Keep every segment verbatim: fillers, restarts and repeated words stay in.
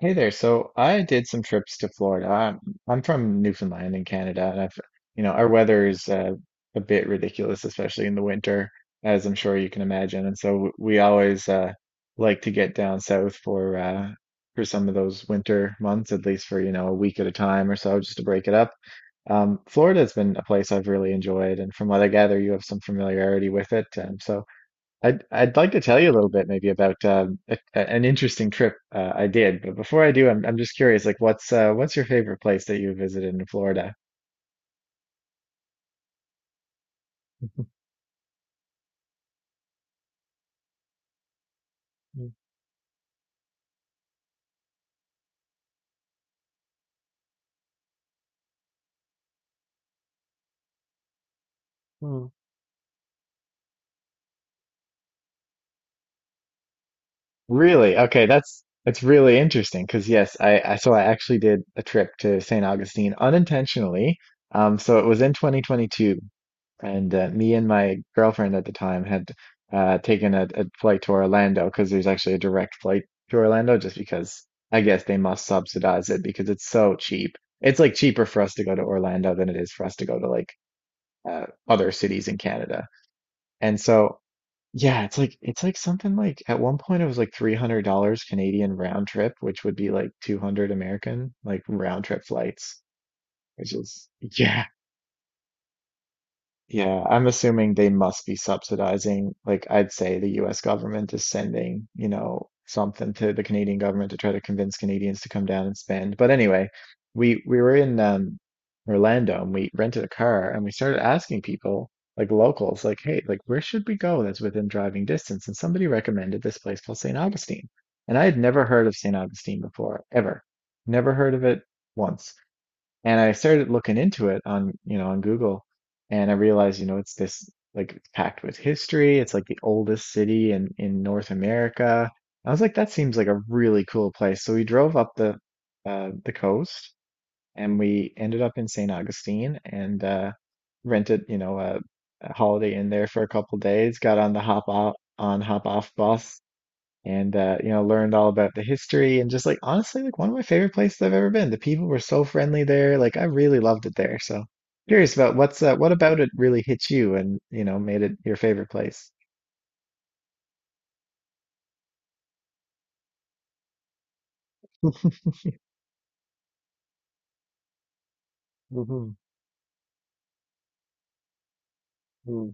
Hey there. So I did some trips to Florida. I'm I'm from Newfoundland in Canada, and I've you know our weather is uh, a bit ridiculous, especially in the winter, as I'm sure you can imagine. And so w- we always uh, like to get down south for uh, for some of those winter months, at least for you know a week at a time or so, just to break it up. Um, Florida has been a place I've really enjoyed, and from what I gather, you have some familiarity with it. Um, so I'd I'd like to tell you a little bit maybe about um, a, a- an interesting trip uh, I did, but before I do, I'm I'm just curious, like what's uh, what's your favorite place that you visited in Florida? Really? Okay, that's that's really interesting because yes, I, I so I actually did a trip to Saint Augustine unintentionally. Um, so it was in twenty twenty-two, and uh, me and my girlfriend at the time had uh, taken a, a flight to Orlando because there's actually a direct flight to Orlando just because I guess they must subsidize it because it's so cheap. It's like cheaper for us to go to Orlando than it is for us to go to like uh, other cities in Canada. And so yeah, it's like it's like something like at one point it was like three hundred dollars Canadian round trip, which would be like two hundred American, like round trip flights, which is yeah, yeah, I'm assuming they must be subsidizing. Like, I'd say the U S government is sending, you know, something to the Canadian government to try to convince Canadians to come down and spend. But anyway, we we were in um, Orlando and we rented a car and we started asking people, like locals, like, hey, like where should we go that's within driving distance? And somebody recommended this place called Saint Augustine. And I had never heard of Saint Augustine before, ever. Never heard of it once. And I started looking into it on, you know, on Google, and I realized, you know, it's this like it's packed with history. It's like the oldest city in in North America. I was like, that seems like a really cool place. So we drove up the uh, the coast, and we ended up in Saint Augustine and uh, rented, you know, a, a Holiday Inn there for a couple days. Got on the hop off on hop off bus and uh, you know learned all about the history and just like honestly like one of my favorite places I've ever been. The people were so friendly there. Like I really loved it there. So curious about what's uh, what about it really hit you and you know made it your favorite place. Mhm, mm,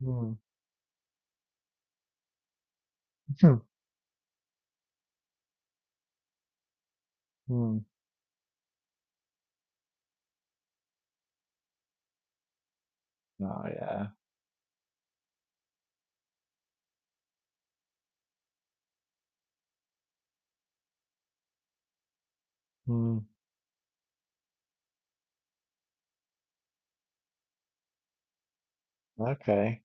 mm, hmm, mm. Oh yeah. Mm, okay.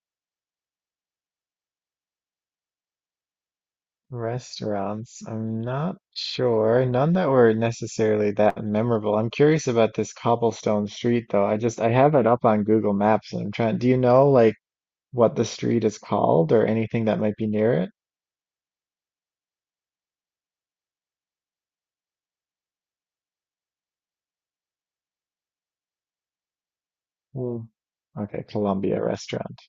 Restaurants. I'm not sure. None that were necessarily that memorable. I'm curious about this cobblestone street though. I just I have it up on Google Maps and I'm trying. Do you know like what the street is called or anything that might be near it? Mm. Okay, Columbia Restaurant.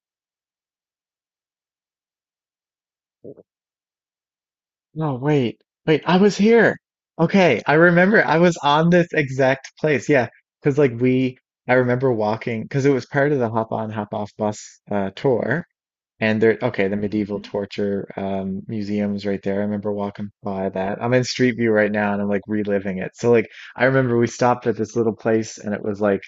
No, wait, wait, I was here. Okay, I remember I was on this exact place. Yeah, because like we, I remember walking because it was part of the hop on, hop off bus uh, tour. And there, okay, the medieval Mhm. torture um, museum is right there. I remember walking by that. I'm in Street View right now and I'm like reliving it. So like, I remember we stopped at this little place and it was like,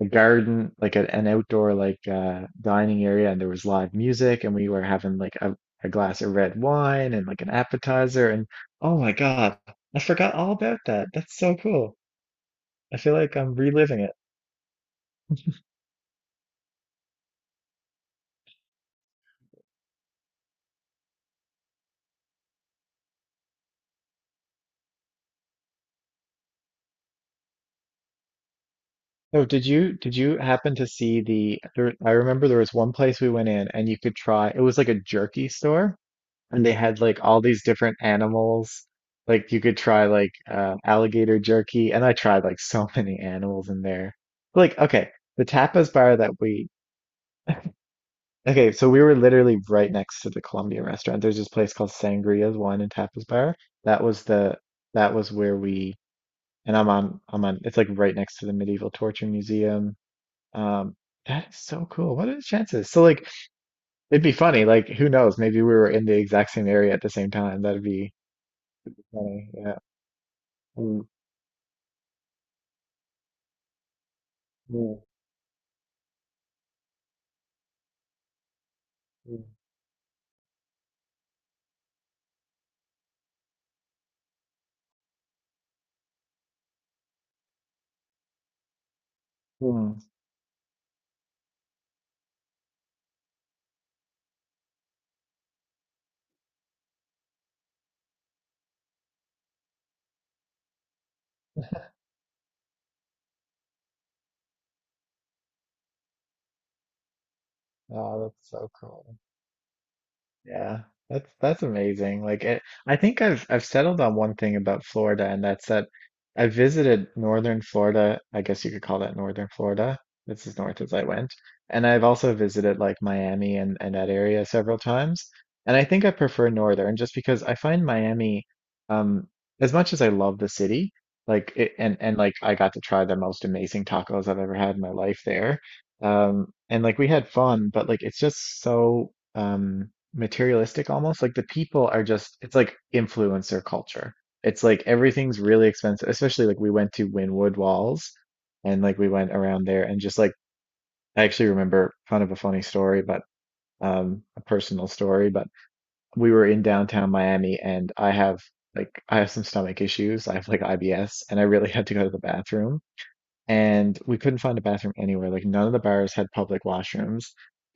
a garden, like a, an outdoor like uh dining area and there was live music and we were having like a, a glass of red wine and like an appetizer and oh my God, I forgot all about that. That's so cool. I feel like I'm reliving it. Oh, did you did you happen to see the there, I remember there was one place we went in and you could try it was like a jerky store and they had like all these different animals. Like you could try like uh, alligator jerky, and I tried like so many animals in there. Like okay, the tapas bar that we okay, so we were literally right next to the Colombian restaurant. There's this place called Sangria's Wine and Tapas Bar. That was the that was where we and I'm on I'm on it's like right next to the Medieval Torture Museum. Um, that is so cool. What are the chances? So like it'd be funny. Like who knows? Maybe we were in the exact same area at the same time. That'd be funny. Yeah. Mm, mm, mm, mm. Oh, that's so cool. Yeah, that's that's amazing. Like it, I think I've I've settled on one thing about Florida, and that's that I visited northern Florida. I guess you could call that northern Florida. It's as north as I went. And I've also visited like Miami and, and that area several times. And I think I prefer northern just because I find Miami, um, as much as I love the city, like it, and and like I got to try the most amazing tacos I've ever had in my life there. Um, and like we had fun, but like it's just so um materialistic almost. Like the people are just, it's like influencer culture. It's like everything's really expensive, especially like we went to Wynwood Walls and like we went around there and just like I actually remember kind of a funny story, but um a personal story, but we were in downtown Miami and I have like I have some stomach issues. I have like I B S and I really had to go to the bathroom and we couldn't find a bathroom anywhere. Like none of the bars had public washrooms.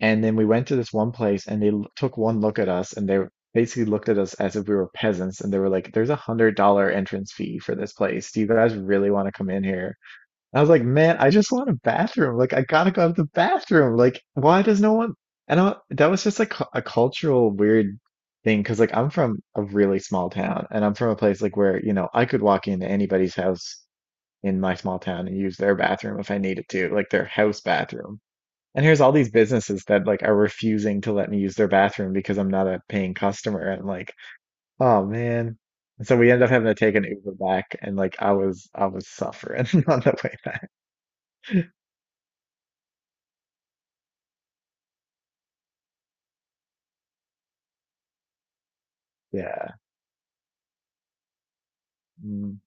And then we went to this one place and they l- took one look at us and they basically looked at us as if we were peasants and they were like, there's a hundred dollar entrance fee for this place. Do you guys really want to come in here? I was like, man, I just want a bathroom. Like I gotta go to the bathroom. Like why does no one? And I, that was just like a cultural weird thing because like I'm from a really small town and I'm from a place like where, you know, I could walk into anybody's house in my small town and use their bathroom if I needed to, like their house bathroom. And here's all these businesses that like are refusing to let me use their bathroom because I'm not a paying customer. And like, oh man. And so we ended up having to take an Uber back and like I was I was suffering on the way back. Yeah. Mm.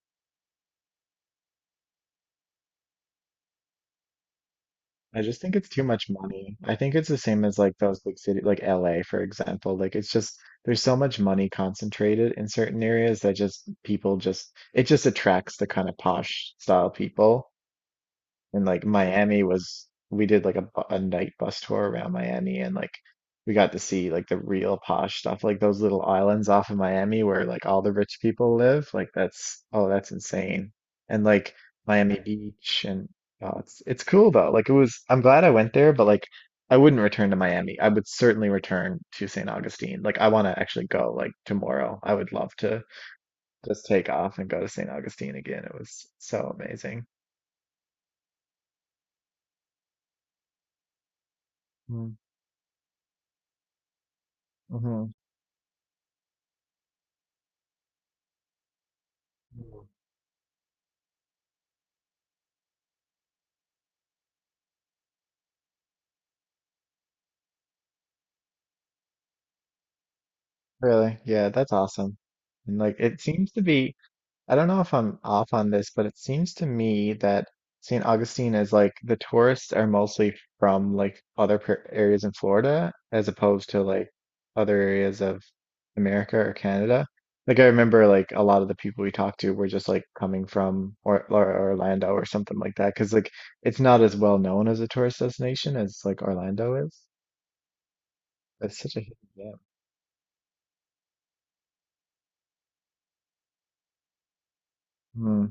I just think it's too much money. I think it's the same as like those big cities, like L A, for example. Like it's just there's so much money concentrated in certain areas that just people just it just attracts the kind of posh style people and like Miami was we did like a, bu- a night bus tour around Miami and like we got to see like the real posh stuff like those little islands off of Miami where like all the rich people live like that's oh that's insane and like Miami Beach and oh it's it's cool though like it was I'm glad I went there but like I wouldn't return to Miami. I would certainly return to Saint Augustine. Like I want to actually go like tomorrow. I would love to just take off and go to Saint Augustine again. It was so amazing. Mm-hmm. Really? Yeah, that's awesome. And like it seems to be, I don't know if I'm off on this, but it seems to me that Saint Augustine is like the tourists are mostly from like other per- areas in Florida as opposed to like other areas of America or Canada. Like I remember like a lot of the people we talked to were just like coming from or, or Orlando or something like that because like it's not as well known as a tourist destination as like Orlando is. It's such a hidden gem. Hmm.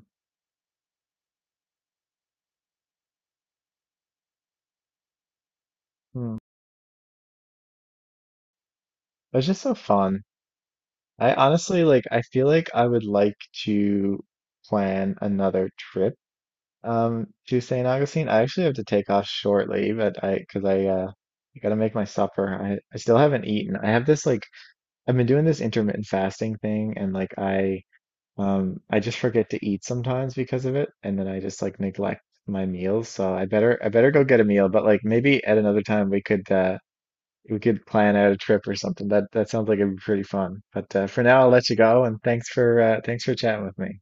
Hmm. It's just so fun. I honestly like I feel like I would like to plan another trip um to Saint Augustine. I actually have to take off shortly, but I because I uh I gotta make my supper. I, I still haven't eaten. I have this like I've been doing this intermittent fasting thing and like I um I just forget to eat sometimes because of it and then I just like neglect my meals. So I better I better go get a meal, but like maybe at another time we could uh we could plan out a trip or something. That that sounds like it'd be pretty fun. But uh, for now, I'll let you go, and thanks for uh, thanks for chatting with me.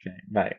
Okay, bye.